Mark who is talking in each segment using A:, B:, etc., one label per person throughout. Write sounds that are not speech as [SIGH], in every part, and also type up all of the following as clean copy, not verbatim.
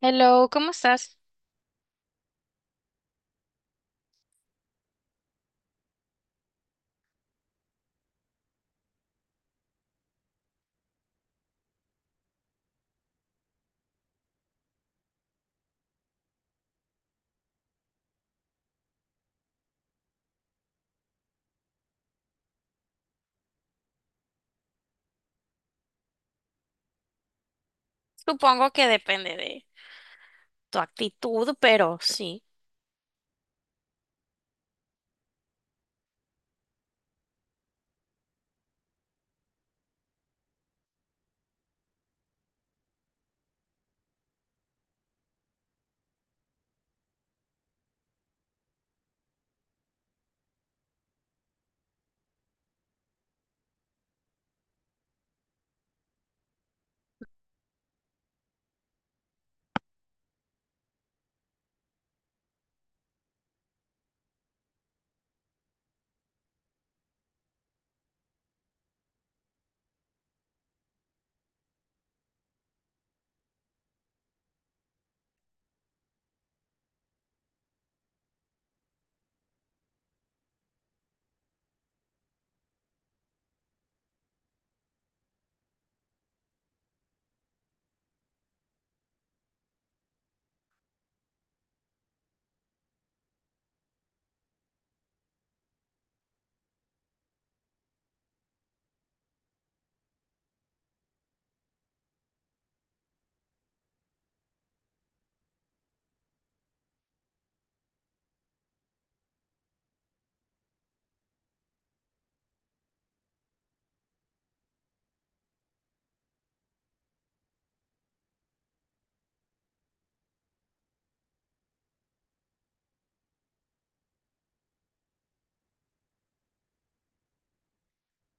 A: Hello, ¿cómo estás? Supongo que depende de tu actitud, pero sí.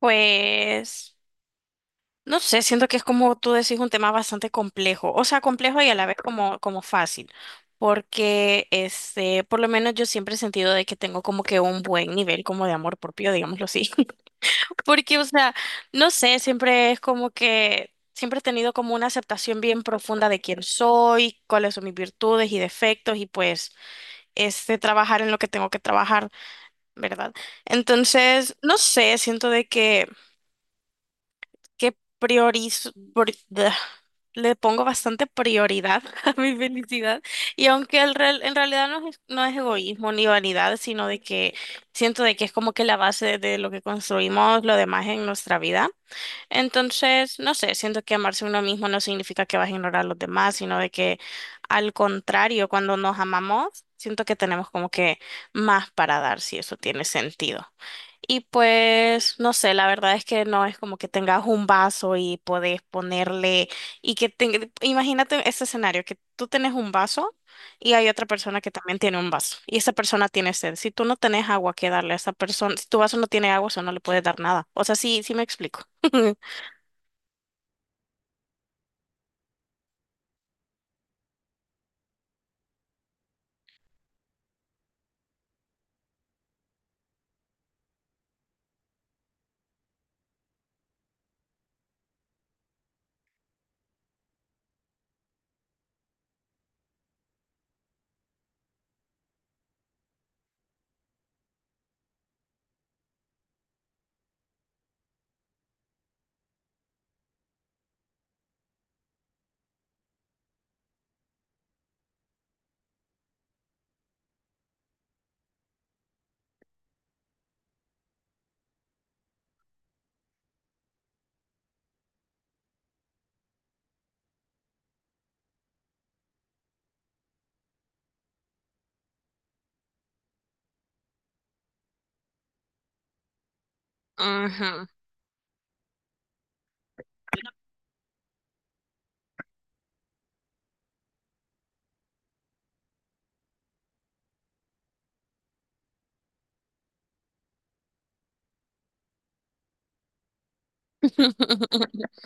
A: Pues, no sé, siento que es como tú decís un tema bastante complejo, o sea, complejo y a la vez como fácil, porque este, por lo menos yo siempre he sentido de que tengo como que un buen nivel como de amor propio, digámoslo así, [LAUGHS] porque, o sea, no sé, siempre es como que... Siempre he tenido como una aceptación bien profunda de quién soy, cuáles son mis virtudes y defectos y pues este trabajar en lo que tengo que trabajar, ¿verdad? Entonces, no sé, siento de que priorizo, da, le pongo bastante prioridad [LAUGHS] a mi felicidad y aunque en realidad no es egoísmo ni vanidad, sino de que siento de que es como que la base de lo que construimos lo demás en nuestra vida. Entonces, no sé, siento que amarse uno mismo no significa que vas a ignorar a los demás, sino de que al contrario, cuando nos amamos, siento que tenemos como que más para dar, si eso tiene sentido. Y pues, no sé, la verdad es que no es como que tengas un vaso y podés ponerle, y que te, imagínate ese escenario, que tú tenés un vaso y hay otra persona que también tiene un vaso, y esa persona tiene sed. Si tú no tenés agua que darle a esa persona, si tu vaso no tiene agua, eso no le puedes dar nada. O sea, sí me explico. [LAUGHS] Ajá. [LAUGHS]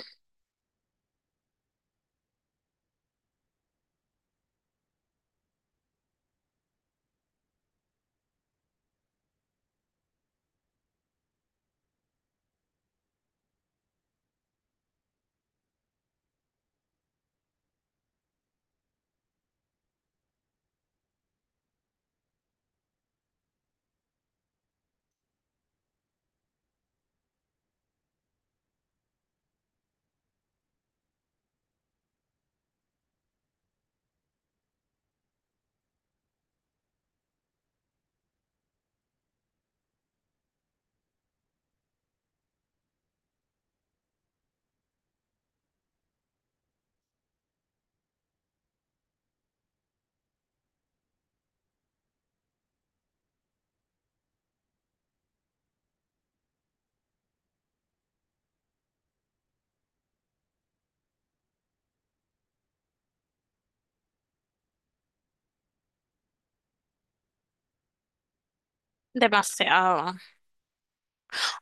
A: Demasiado.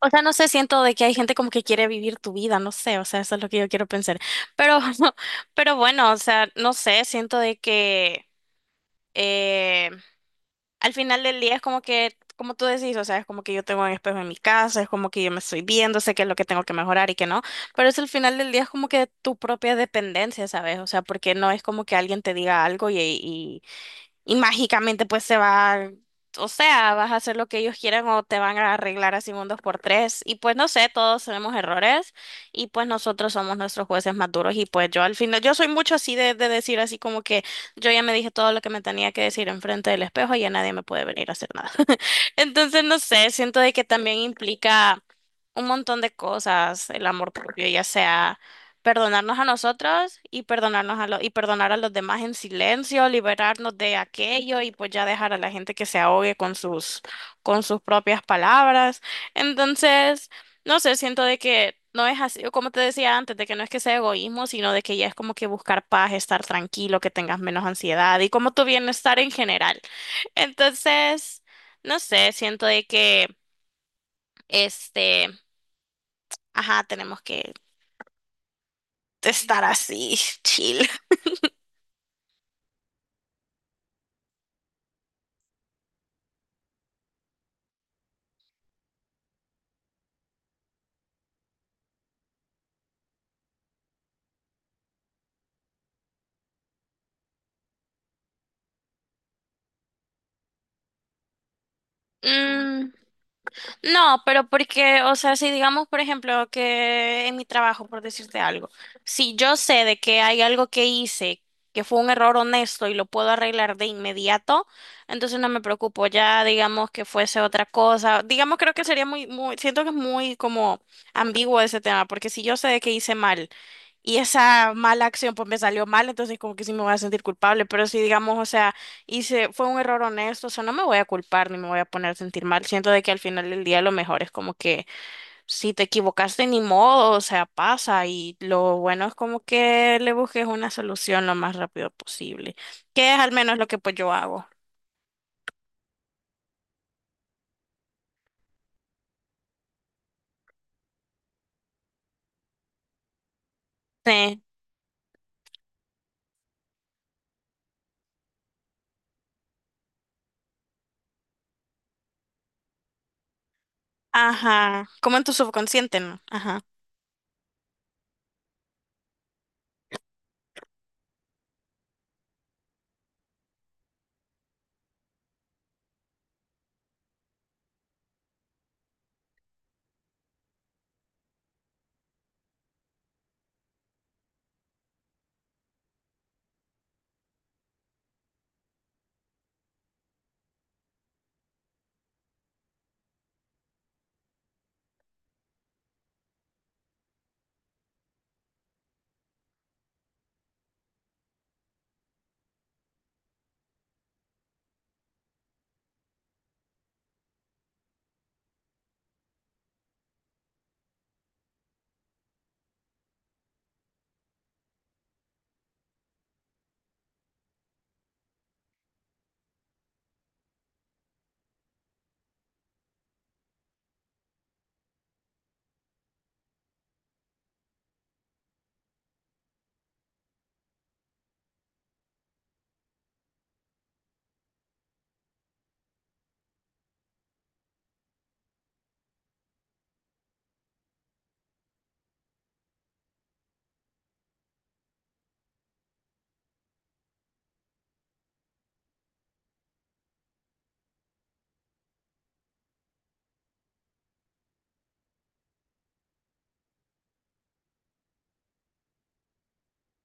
A: O sea, no sé, siento de que hay gente como que quiere vivir tu vida, no sé, o sea, eso es lo que yo quiero pensar. Pero, [LAUGHS] pero bueno, o sea, no sé, siento de que eh, al final del día es como que, como tú decís, o sea, es como que yo tengo un espejo en mi casa, es como que yo me estoy viendo, sé qué es lo que tengo que mejorar y qué no, pero es al final del día es como que tu propia dependencia, ¿sabes? O sea, porque no es como que alguien te diga algo, y mágicamente pues se va, o sea, vas a hacer lo que ellos quieran o te van a arreglar así un dos por tres. Y pues no sé, todos tenemos errores y pues nosotros somos nuestros jueces más duros y pues yo al final, yo soy mucho así de decir así como que yo ya me dije todo lo que me tenía que decir enfrente del espejo y ya nadie me puede venir a hacer nada. [LAUGHS] Entonces no sé, siento de que también implica un montón de cosas, el amor propio, ya sea perdonarnos a nosotros y perdonar a los demás en silencio, liberarnos de aquello y pues ya dejar a la gente que se ahogue con sus propias palabras. Entonces, no sé, siento de que no es así, como te decía antes, de que no es que sea egoísmo, sino de que ya es como que buscar paz, estar tranquilo, que tengas menos ansiedad y como tu bienestar en general. Entonces, no sé, siento de que este, ajá, tenemos que estar así, [LAUGHS] chill. Mm, No, pero porque, o sea, si digamos, por ejemplo, que en mi trabajo, por decirte algo, si yo sé de que hay algo que hice que fue un error honesto y lo puedo arreglar de inmediato, entonces no me preocupo. Ya digamos que fuese otra cosa, digamos, creo que sería muy, siento que es muy como ambiguo ese tema, porque si yo sé de que hice mal y esa mala acción pues me salió mal, entonces como que sí me voy a sentir culpable, pero si digamos, o sea, y se fue un error honesto, o sea, no me voy a culpar ni me voy a poner a sentir mal. Siento de que al final del día lo mejor es como que si te equivocaste ni modo, o sea, pasa y lo bueno es como que le busques una solución lo más rápido posible, que es al menos lo que pues yo hago. Sí, ajá, como en tu subconsciente, ¿no? Ajá,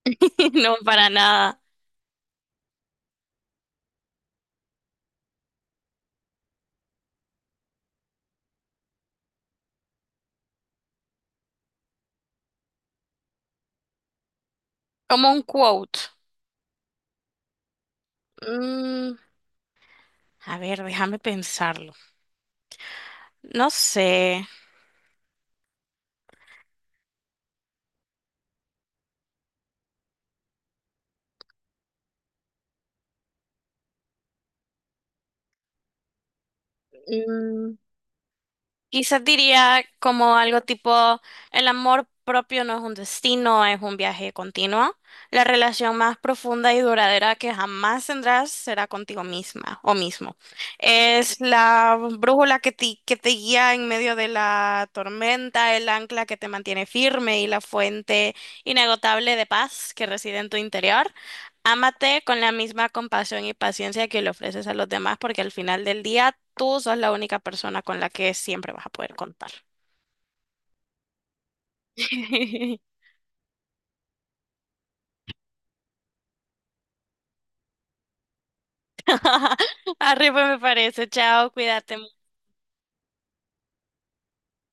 A: [LAUGHS] no para nada. Como un quote. Mm, a ver, déjame pensarlo. No sé. Mm, Quizás diría como algo tipo, el amor propio no es un destino, es un viaje continuo. La relación más profunda y duradera que jamás tendrás será contigo misma o mismo. Es la brújula que te guía en medio de la tormenta, el ancla que te mantiene firme y la fuente inagotable de paz que reside en tu interior. Ámate con la misma compasión y paciencia que le ofreces a los demás, porque al final del día tú sos la única persona con la que siempre vas a poder contar. [LAUGHS] Arriba me parece. Chao, cuídate.